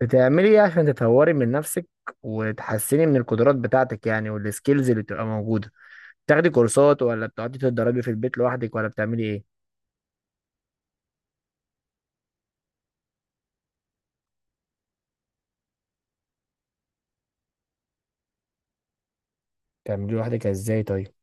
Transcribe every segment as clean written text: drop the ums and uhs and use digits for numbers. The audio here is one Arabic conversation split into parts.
بتعملي ايه عشان تطوري من نفسك وتحسني من القدرات بتاعتك يعني والسكيلز اللي بتبقى موجودة؟ بتاخدي كورسات ولا بتقعدي تتدربي في البيت لوحدك ولا بتعملي ايه؟ بتعملي لوحدك ازاي طيب؟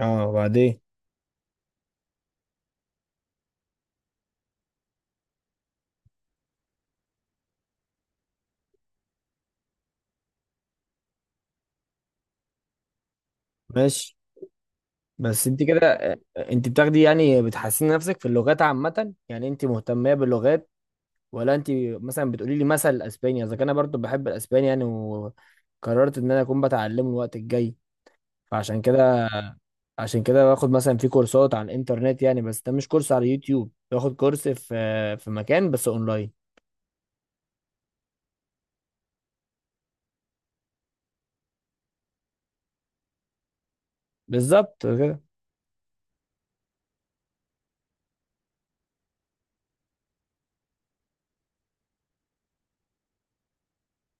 اه، وبعدين؟ ماشي. بس انت كده انت بتاخدي يعني بتحسني نفسك في اللغات عامة، يعني انت مهتمة باللغات، ولا انت مثلا بتقولي لي مثل الاسباني؟ اذا كان انا برضو بحب الاسباني يعني، وقررت ان انا اكون بتعلمه الوقت الجاي. فعشان كده باخد مثلا في كورسات على الانترنت، يعني بس ده مش كورس على اليوتيوب، باخد كورس في مكان بس اونلاين. بالظبط كده.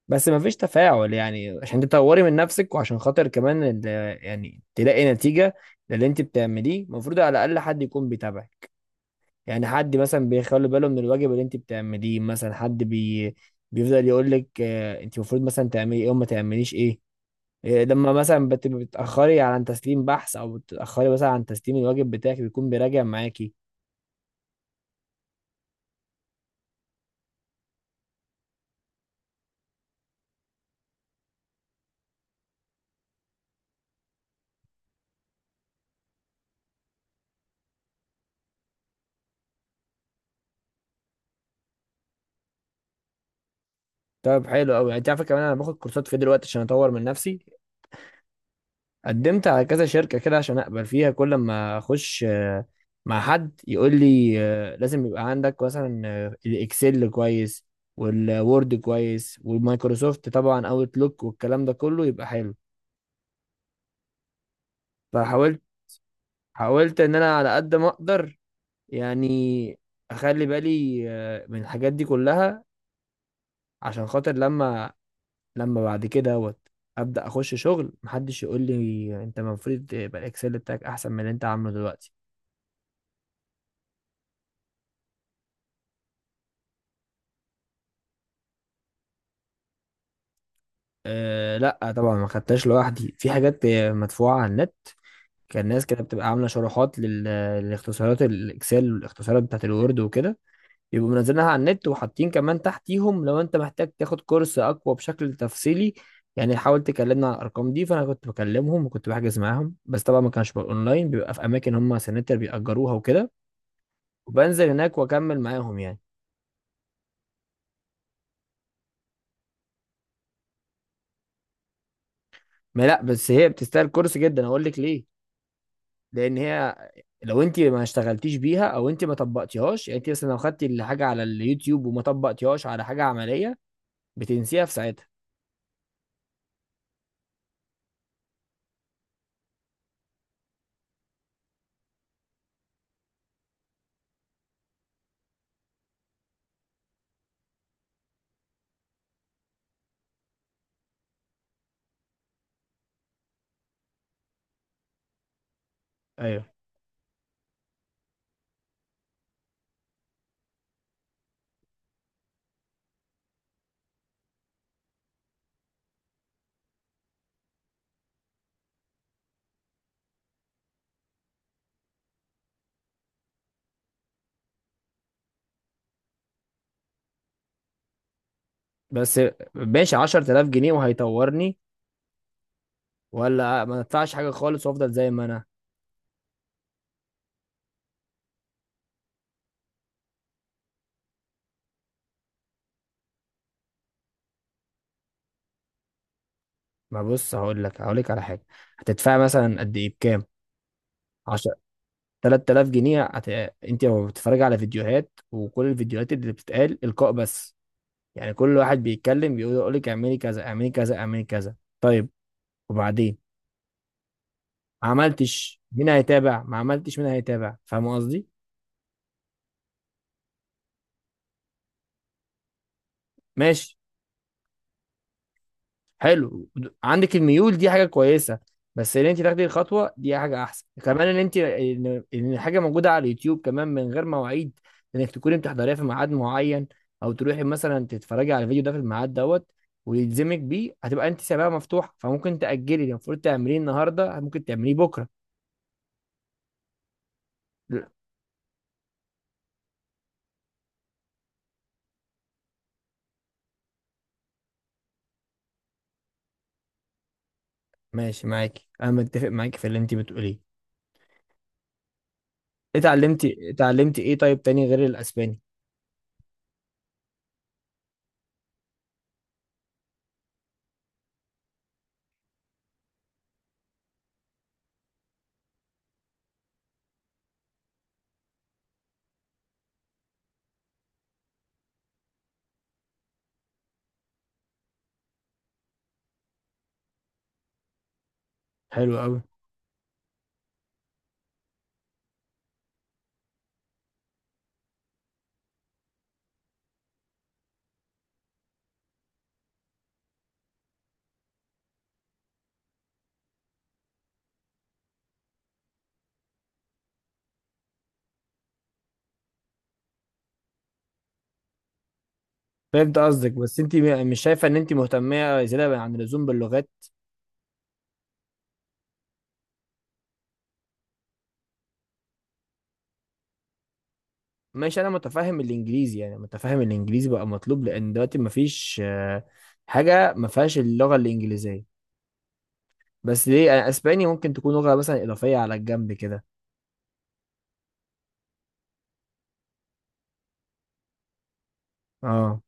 بس ما فيش تفاعل يعني عشان تطوري من نفسك، وعشان خاطر كمان يعني تلاقي نتيجة للي انت بتعمليه. المفروض على الاقل حد يكون بيتابعك، يعني حد مثلا بيخلي باله من الواجب اللي انت بتعمليه، مثلا حد بي بيفضل يقول لك انت المفروض مثلا تعملي ايه وما تعمليش ايه. إيه، لما مثلا بتأخري عن تسليم بحث، او بتأخري مثلا عن تسليم الواجب بتاعك، بيكون بيراجع معاكي. طب حلو قوي. انت عارفه كمان انا باخد كورسات في دلوقتي عشان اطور من نفسي. قدمت على كذا شركه كده عشان اقبل فيها، كل ما اخش مع حد يقول لي لازم يبقى عندك مثلا الاكسل كويس، والوورد كويس، والمايكروسوفت طبعا اوتلوك، والكلام ده كله يبقى حلو. فحاولت ان انا على قد ما اقدر يعني اخلي بالي من الحاجات دي كلها، عشان خاطر لما بعد كده دوت ابدا اخش شغل، محدش يقول لي انت المفروض يبقى الاكسل بتاعك احسن من اللي انت عامله دلوقتي. أه لا طبعا ما خدتهاش لوحدي. في حاجات مدفوعه على النت، كان ناس كده بتبقى عامله شروحات للاختصارات الاكسل، والاختصارات بتاعت الوورد وكده، يبقوا منزلينها على النت، وحاطين كمان تحتيهم لو انت محتاج تاخد كورس اقوى بشكل تفصيلي، يعني حاول تكلمنا على الارقام دي. فانا كنت بكلمهم وكنت بحجز معاهم، بس طبعا ما كانش بقى اونلاين، بيبقى في اماكن هم سنتر بيأجروها وكده، وبنزل هناك واكمل معاهم يعني. ما لا، بس هي بتستاهل كورس جدا، اقول لك ليه. لان هي لو انت ما اشتغلتيش بيها، او انت ما طبقتيهاش، يعني انت مثلا لو خدتي الحاجه على اليوتيوب وما طبقتيهاش على حاجه عمليه، بتنسيها في ساعتها. ايوه. بس ماشي، 10000 جنيه وهيطورني، ولا ما ادفعش حاجه خالص وافضل زي ما انا. ما بص، هقول لك على حاجه. هتدفعي مثلا قد ايه، بكام؟ 10، 3000 جنيه هت... انت لو بتتفرجي على فيديوهات، وكل الفيديوهات اللي بتتقال القاء بس، يعني كل واحد بيتكلم يقول لك اعملي كذا اعملي كذا اعملي كذا. طيب، وبعدين؟ ما عملتش مين هيتابع. فاهم قصدي؟ ماشي. حلو. عندك الميول دي حاجه كويسه، بس ان انت تاخدي الخطوه دي حاجه احسن كمان، ان انت إن الحاجه موجوده على اليوتيوب، كمان من غير مواعيد انك تكوني بتحضريها في ميعاد معين، او تروحي مثلا تتفرجي على الفيديو ده في الميعاد دوت ويلزمك بيه، هتبقى انت سبابه مفتوحه، فممكن تاجلي اللي المفروض تعمليه النهارده ممكن تعمليه بكره. ماشي معاك، انا متفق معاك في اللي انت بتقوليه. اتعلمتي ايه طيب تاني غير الاسباني؟ حلو قوي. فهمت قصدك، بس انت مش شايفه ان انت مهتمه زياده عن اللزوم باللغات؟ ماشي، انا متفهم الانجليزي. بقى مطلوب، لان دلوقتي مفيش حاجه ما فيهاش اللغه الانجليزيه. بس ليه أنا؟ اسباني ممكن تكون لغه مثلا اضافيه على الجنب كده. اه.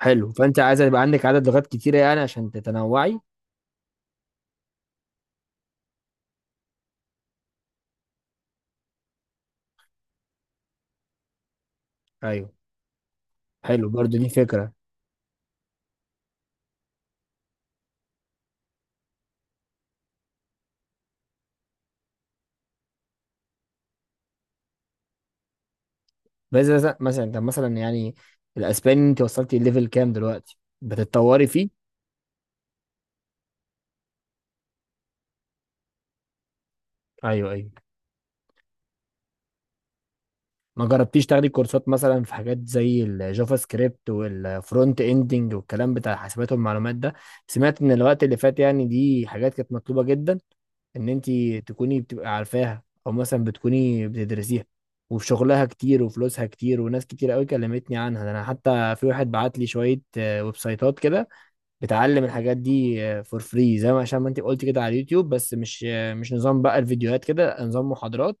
حلو، فانت عايزه يبقى عندك عدد لغات كتيره يعني عشان تتنوعي. ايوه. حلو، برضو دي فكره. مثلا انت مثلا يعني الاسباني، انت وصلتي ليفل كام دلوقتي بتتطوري فيه؟ ايوه ايوه. ما جربتيش تاخدي كورسات مثلا في حاجات زي الجافا سكريبت، والفرونت اندنج، والكلام بتاع الحاسبات والمعلومات ده؟ سمعت ان الوقت اللي فات يعني دي حاجات كانت مطلوبة جدا، ان انت تكوني بتبقى عارفاها، او مثلا بتكوني بتدرسيها. وفي شغلها كتير، وفلوسها كتير، وناس كتير قوي كلمتني عنها. ده انا حتى في واحد بعت لي شوية ويب سايتات كده بتعلم الحاجات دي فور فري، زي ما عشان ما انت قلت كده على اليوتيوب، بس مش مش نظام بقى الفيديوهات كده، نظام محاضرات.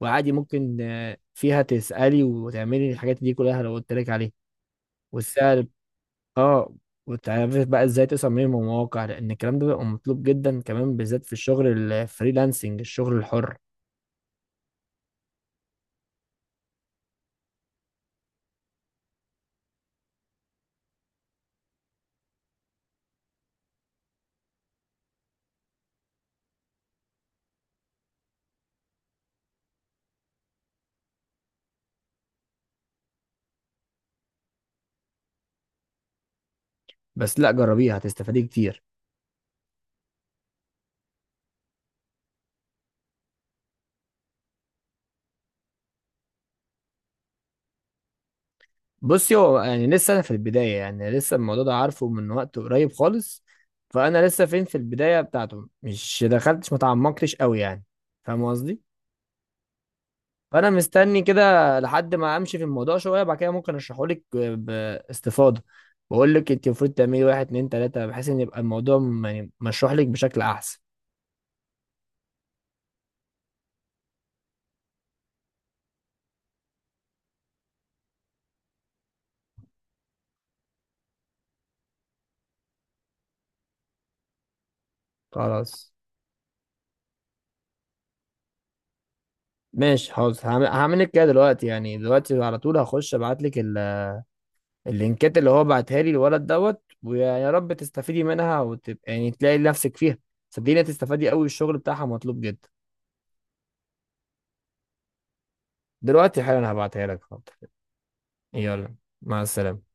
وعادي ممكن فيها تسألي وتعملي الحاجات دي كلها لو قلت لك عليها. والسعر اه. وتعرفي بقى ازاي تصممي مواقع، لان الكلام ده بيبقى مطلوب جدا كمان، بالذات في الشغل الفريلانسنج، الشغل الحر. بس لا، جربيها هتستفادي كتير. بصي هو يعني لسه انا في البدايه، يعني لسه الموضوع ده عارفه من وقت قريب خالص، فانا لسه فين في البدايه بتاعته، مش دخلتش، ما تعمقتش قوي يعني. فاهم قصدي. فانا مستني كده لحد ما امشي في الموضوع شويه، بعد كده ممكن اشرحه لك باستفاضه. بقول لك انت المفروض تعملي واحد اتنين تلاته، بحيث ان يبقى الموضوع يعني مشروح لك بشكل احسن. خلاص ماشي حاضر، هعمل لك كده دلوقتي، يعني دلوقتي على طول هخش ابعت لك اللينكات اللي هو بعتها لي الولد دوت، ويا رب تستفيدي منها وتبقى يعني تلاقي نفسك فيها. صدقيني هتستفادي قوي، الشغل بتاعها مطلوب جدا. دلوقتي حالا هبعتها لك، حاضر. يلا، مع السلامة.